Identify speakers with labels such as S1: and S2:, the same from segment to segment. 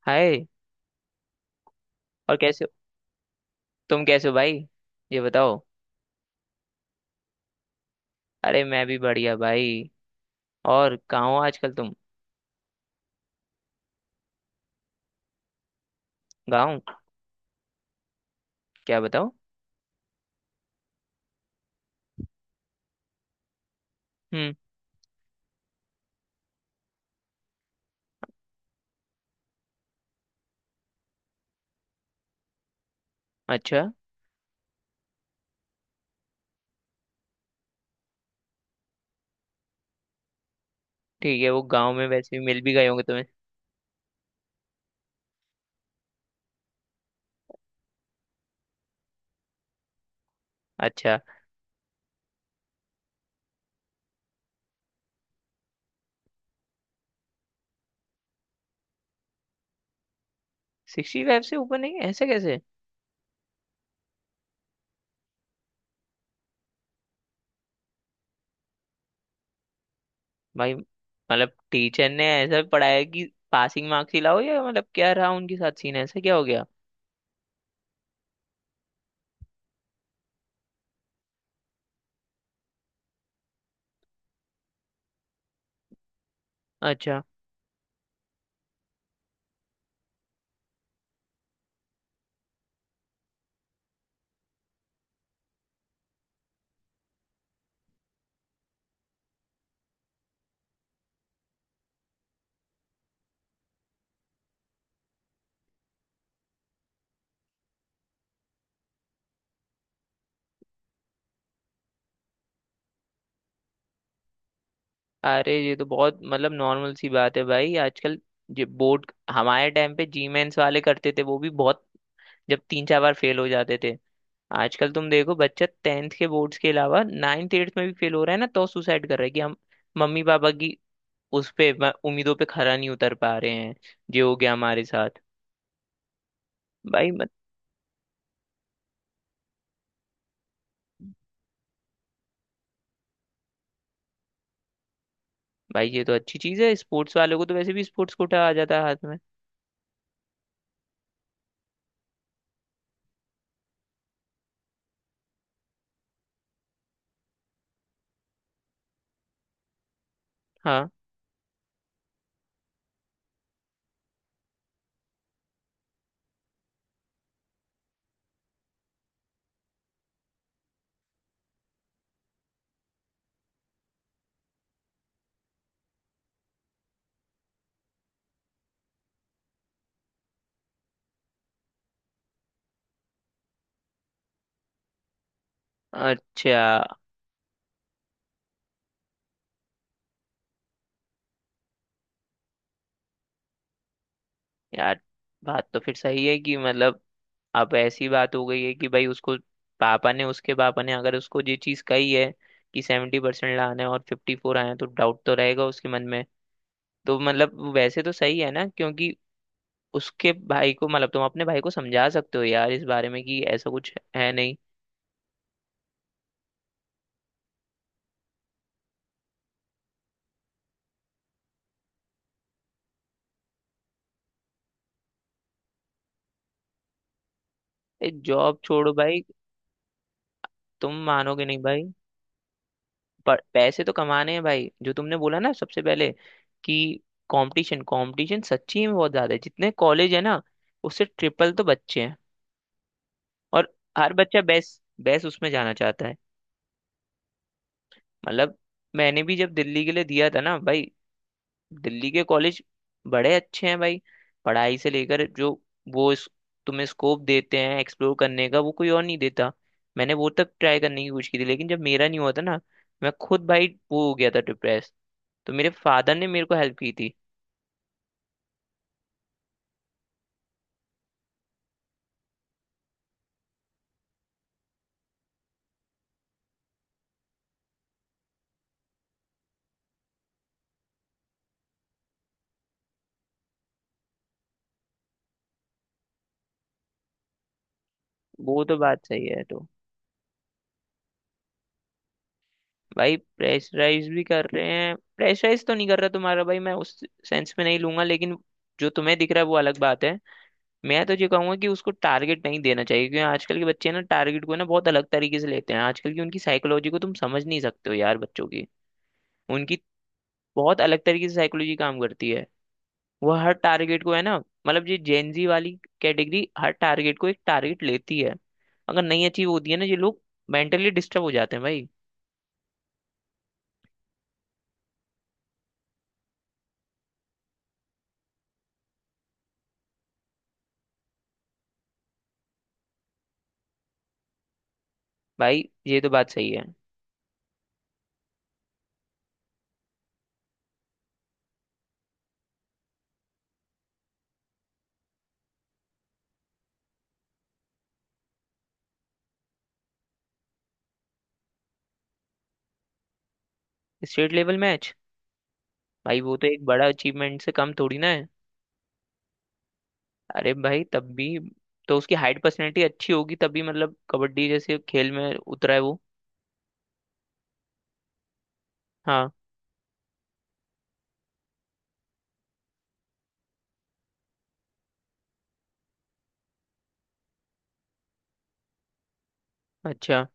S1: हाय। और कैसे हो? तुम कैसे हो भाई? ये बताओ। अरे, मैं भी बढ़िया भाई। और कहाँ हो आजकल तुम? गाँव? क्या बताओ। हम्म। अच्छा। ठीक है, वो गाँव में वैसे भी मिल भी गए होंगे तुम्हें। अच्छा। 65 से ऊपर नहीं है? ऐसा कैसे? भाई मतलब टीचर ने ऐसा पढ़ाया कि पासिंग मार्क्स ही लाओ, या मतलब क्या रहा उनके साथ सीन? ऐसा क्या हो गया? अच्छा। अरे ये तो बहुत मतलब नॉर्मल सी बात है भाई आजकल। जो बोर्ड हमारे टाइम पे जीमेंस वाले करते थे वो भी बहुत जब तीन चार बार फेल हो जाते थे। आजकल तुम देखो, बच्चा टेंथ के बोर्ड्स के अलावा नाइन्थ एट्थ में भी फेल हो रहा है ना, तो सुसाइड कर रहा है कि हम मम्मी पापा की उस पे उम्मीदों पे खरा नहीं उतर पा रहे हैं। ये हो गया हमारे साथ। भाई मत। भाई ये तो अच्छी चीज है, स्पोर्ट्स वालों को तो वैसे भी स्पोर्ट्स कोटा आ जाता है हाथ में। हाँ। अच्छा। यार, बात तो फिर सही है कि मतलब अब ऐसी बात हो गई है कि भाई उसको पापा ने उसके पापा ने अगर उसको ये चीज कही है कि 70% लाना है और 54 आए हैं, तो डाउट तो रहेगा उसके मन में। तो मतलब वैसे तो सही है ना, क्योंकि उसके भाई को मतलब तुम अपने भाई को समझा सकते हो यार इस बारे में कि ऐसा कुछ है नहीं। ए, जॉब छोड़ो भाई। तुम मानोगे नहीं भाई। पर पैसे तो कमाने हैं भाई, जो तुमने बोला ना सबसे पहले कि कंपटीशन, कंपटीशन सच्ची में बहुत ज्यादा है। जितने कॉलेज है ना, उससे ट्रिपल तो बच्चे हैं। और हर बच्चा बेस्ट बेस्ट उसमें जाना चाहता है, मतलब। मैंने भी जब दिल्ली के लिए दिया था ना भाई, दिल्ली के कॉलेज बड़े अच्छे हैं भाई। पढ़ाई से लेकर जो वो तुम्हें स्कोप देते हैं एक्सप्लोर करने का, वो कोई और नहीं देता। मैंने वो तक ट्राई करने की कोशिश की थी, लेकिन जब मेरा नहीं हुआ था ना, मैं खुद भाई वो हो गया था डिप्रेस। तो मेरे फादर ने मेरे को हेल्प की थी। वो तो बात सही है तो। भाई प्रेशराइज भी कर रहे हैं, प्रेशराइज तो नहीं कर रहा तुम्हारा भाई, मैं उस सेंस में नहीं लूंगा, लेकिन जो तुम्हें दिख रहा है वो अलग बात है। मैं तो ये कहूंगा कि उसको टारगेट नहीं देना चाहिए, क्योंकि आजकल के बच्चे ना टारगेट को ना बहुत अलग तरीके से लेते हैं। आजकल की उनकी साइकोलॉजी को तुम समझ नहीं सकते हो यार, बच्चों की। उनकी बहुत अलग तरीके से साइकोलॉजी काम करती है। वो हर टारगेट को है ना, मतलब ये जेनजी वाली कैटेगरी हर टारगेट को एक टारगेट लेती है। अगर नहीं अचीव होती है ना, ये लोग मेंटली डिस्टर्ब हो जाते हैं भाई। भाई ये तो बात सही है। State level match? भाई वो तो एक बड़ा अचीवमेंट से कम थोड़ी ना है। अरे भाई तब भी, तो उसकी हाइट पर्सनैलिटी अच्छी होगी तभी मतलब कबड्डी जैसे खेल में उतरा है वो। हाँ। अच्छा।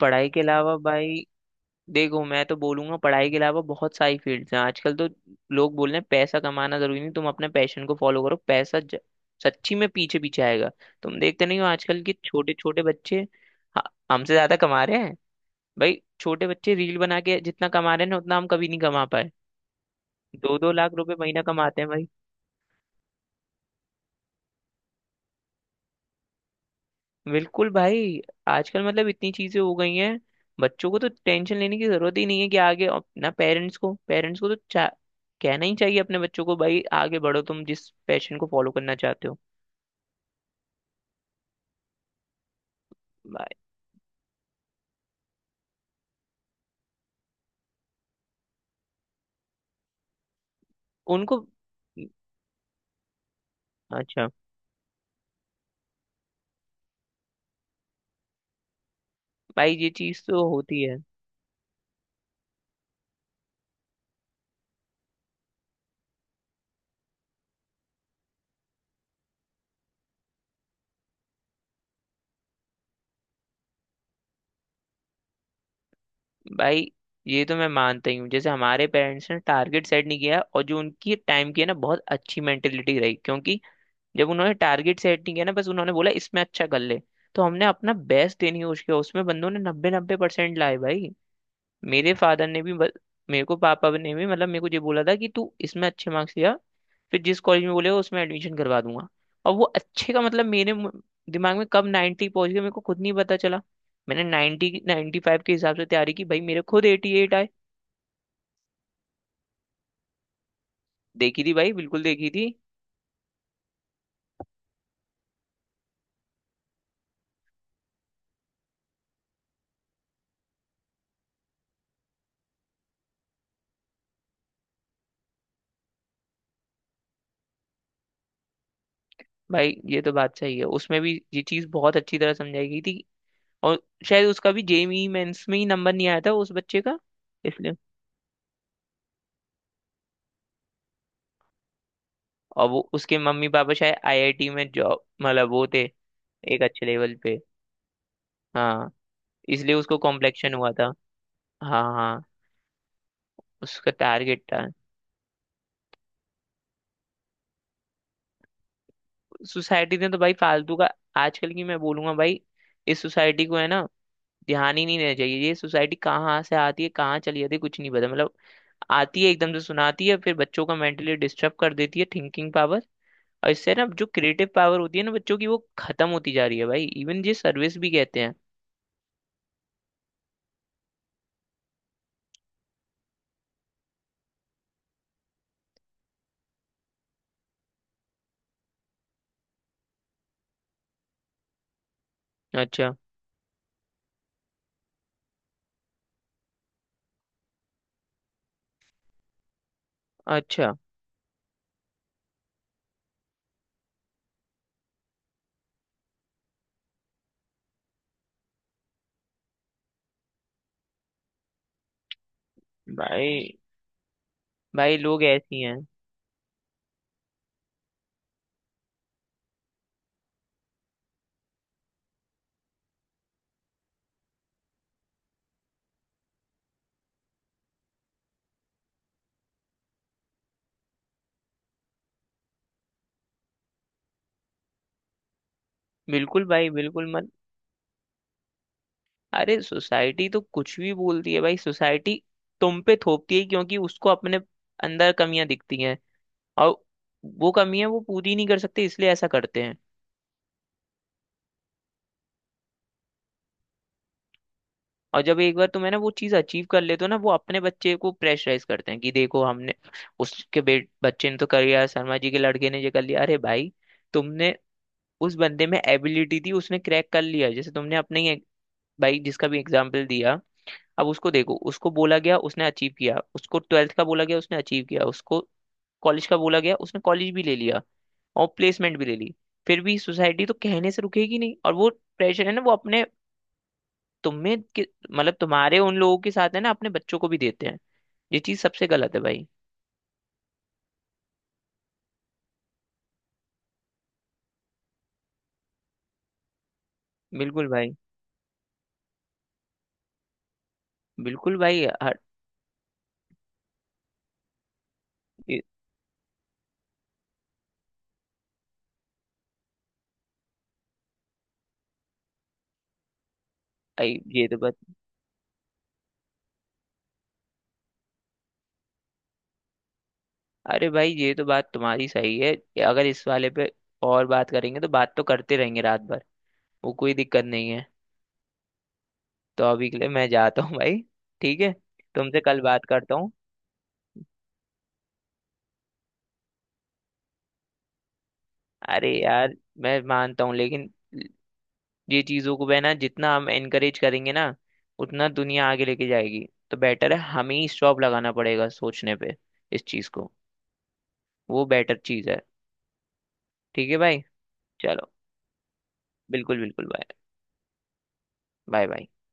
S1: पढ़ाई के अलावा भाई, देखो मैं तो बोलूंगा पढ़ाई के अलावा बहुत सारी फील्ड्स हैं आजकल तो। लोग बोल रहे हैं पैसा कमाना जरूरी नहीं, तुम अपने पैशन को फॉलो करो, पैसा सच्ची में पीछे पीछे आएगा। तुम देखते नहीं हो आजकल के छोटे छोटे बच्चे ह- हमसे ज्यादा कमा रहे हैं। भाई छोटे बच्चे रील बना के जितना कमा रहे हैं ना, उतना हम कभी नहीं कमा पाए। 2-2 लाख रुपए महीना कमाते हैं। बिल्कुल भाई। आजकल मतलब इतनी चीजें हो गई हैं, बच्चों को तो टेंशन लेने की जरूरत ही नहीं है कि आगे अपना पेरेंट्स को कहना ही चाहिए अपने बच्चों को भाई, आगे बढ़ो तुम जिस पैशन को फॉलो करना चाहते हो। भाई उनको। अच्छा। भाई ये चीज तो होती है। भाई ये तो मैं मानता ही हूँ, जैसे हमारे पेरेंट्स ने टारगेट सेट नहीं किया और जो उनकी टाइम की है ना बहुत अच्छी मेंटेलिटी रही, क्योंकि जब उन्होंने टारगेट सेट नहीं किया ना, बस उन्होंने बोला इसमें अच्छा कर ले, तो हमने अपना बेस्ट देने की कोशिश किया, उसमें बंदों ने 90-90% लाए भाई। मेरे फादर ने भी बस, मेरे को पापा ने भी मतलब मेरे को ये बोला था कि तू इसमें अच्छे मार्क्स लिया, फिर जिस कॉलेज में बोलेगा उसमें एडमिशन करवा दूंगा। और वो अच्छे का मतलब मेरे दिमाग में कब 90 पहुंच गया मेरे को खुद नहीं पता चला। मैंने 90-95 के हिसाब से तैयारी की भाई, मेरे खुद 88 आए। देखी थी भाई, बिल्कुल देखी थी। भाई ये तो बात सही है, उसमें भी ये चीज़ बहुत अच्छी तरह समझाई गई थी। और शायद उसका भी जेईई मेंस में ही नंबर नहीं आया था उस बच्चे का, इसलिए। और वो उसके मम्मी पापा शायद आईआईटी में जॉब मतलब वो थे, एक अच्छे लेवल पे। हाँ। इसलिए उसको कॉम्प्लेक्शन हुआ था। हाँ हाँ। उसका टारगेट था। सोसाइटी ने तो भाई फालतू का। आजकल की मैं बोलूंगा भाई, इस सोसाइटी को है ना, ध्यान ही नहीं देना चाहिए। ये सोसाइटी कहाँ से आती है, कहाँ चली जाती है, कुछ नहीं पता, मतलब। आती है एकदम से, सुनाती है, फिर बच्चों का मेंटली डिस्टर्ब कर देती है, थिंकिंग पावर। और इससे ना जो क्रिएटिव पावर होती है ना बच्चों की, वो खत्म होती जा रही है भाई, इवन ये सर्विस भी कहते हैं। अच्छा। अच्छा भाई। भाई लोग ऐसी हैं। बिल्कुल भाई, बिल्कुल मत। अरे, सोसाइटी तो कुछ भी बोलती है भाई। सोसाइटी तुम पे थोपती है, क्योंकि उसको अपने अंदर कमियां दिखती हैं, और वो कमियां वो पूरी नहीं कर सकते, इसलिए ऐसा करते हैं। और जब एक बार तुम है ना वो चीज अचीव कर लेते हो ना, वो अपने बच्चे को प्रेशराइज करते हैं कि देखो हमने उसके बे बच्चे ने तो कर लिया, शर्मा जी के लड़के ने ये कर लिया। अरे भाई, तुमने, उस बंदे में एबिलिटी थी उसने क्रैक कर लिया, जैसे तुमने अपने ही भाई जिसका भी एग्जाम्पल दिया, अब उसको देखो, उसको बोला गया उसने अचीव किया, उसको ट्वेल्थ का बोला गया उसने अचीव किया, उसको कॉलेज का बोला गया, उसने कॉलेज भी ले लिया, और प्लेसमेंट भी ले ली। फिर भी सोसाइटी तो कहने से रुकेगी नहीं, और वो प्रेशर है ना, वो अपने तुम्हें मतलब तुम्हारे उन लोगों के साथ है ना, अपने बच्चों को भी देते हैं। ये चीज सबसे गलत है भाई। बिल्कुल भाई। बिल्कुल भाई ये ये तो बात। अरे भाई ये तो बात तुम्हारी सही है कि अगर इस वाले पे और बात करेंगे तो बात तो करते रहेंगे रात भर, वो कोई दिक्कत नहीं है। तो अभी के लिए मैं जाता हूँ भाई। ठीक है, तुमसे कल बात करता हूँ। अरे यार, मैं मानता हूँ लेकिन ये चीजों को बहना जितना हम एनकरेज करेंगे ना, उतना दुनिया आगे लेके जाएगी। तो बेटर है हमें ही स्टॉप लगाना पड़ेगा सोचने पे, इस चीज को। वो बेटर चीज है। ठीक है भाई। चलो। बिल्कुल बिल्कुल। बाय। Bye bye.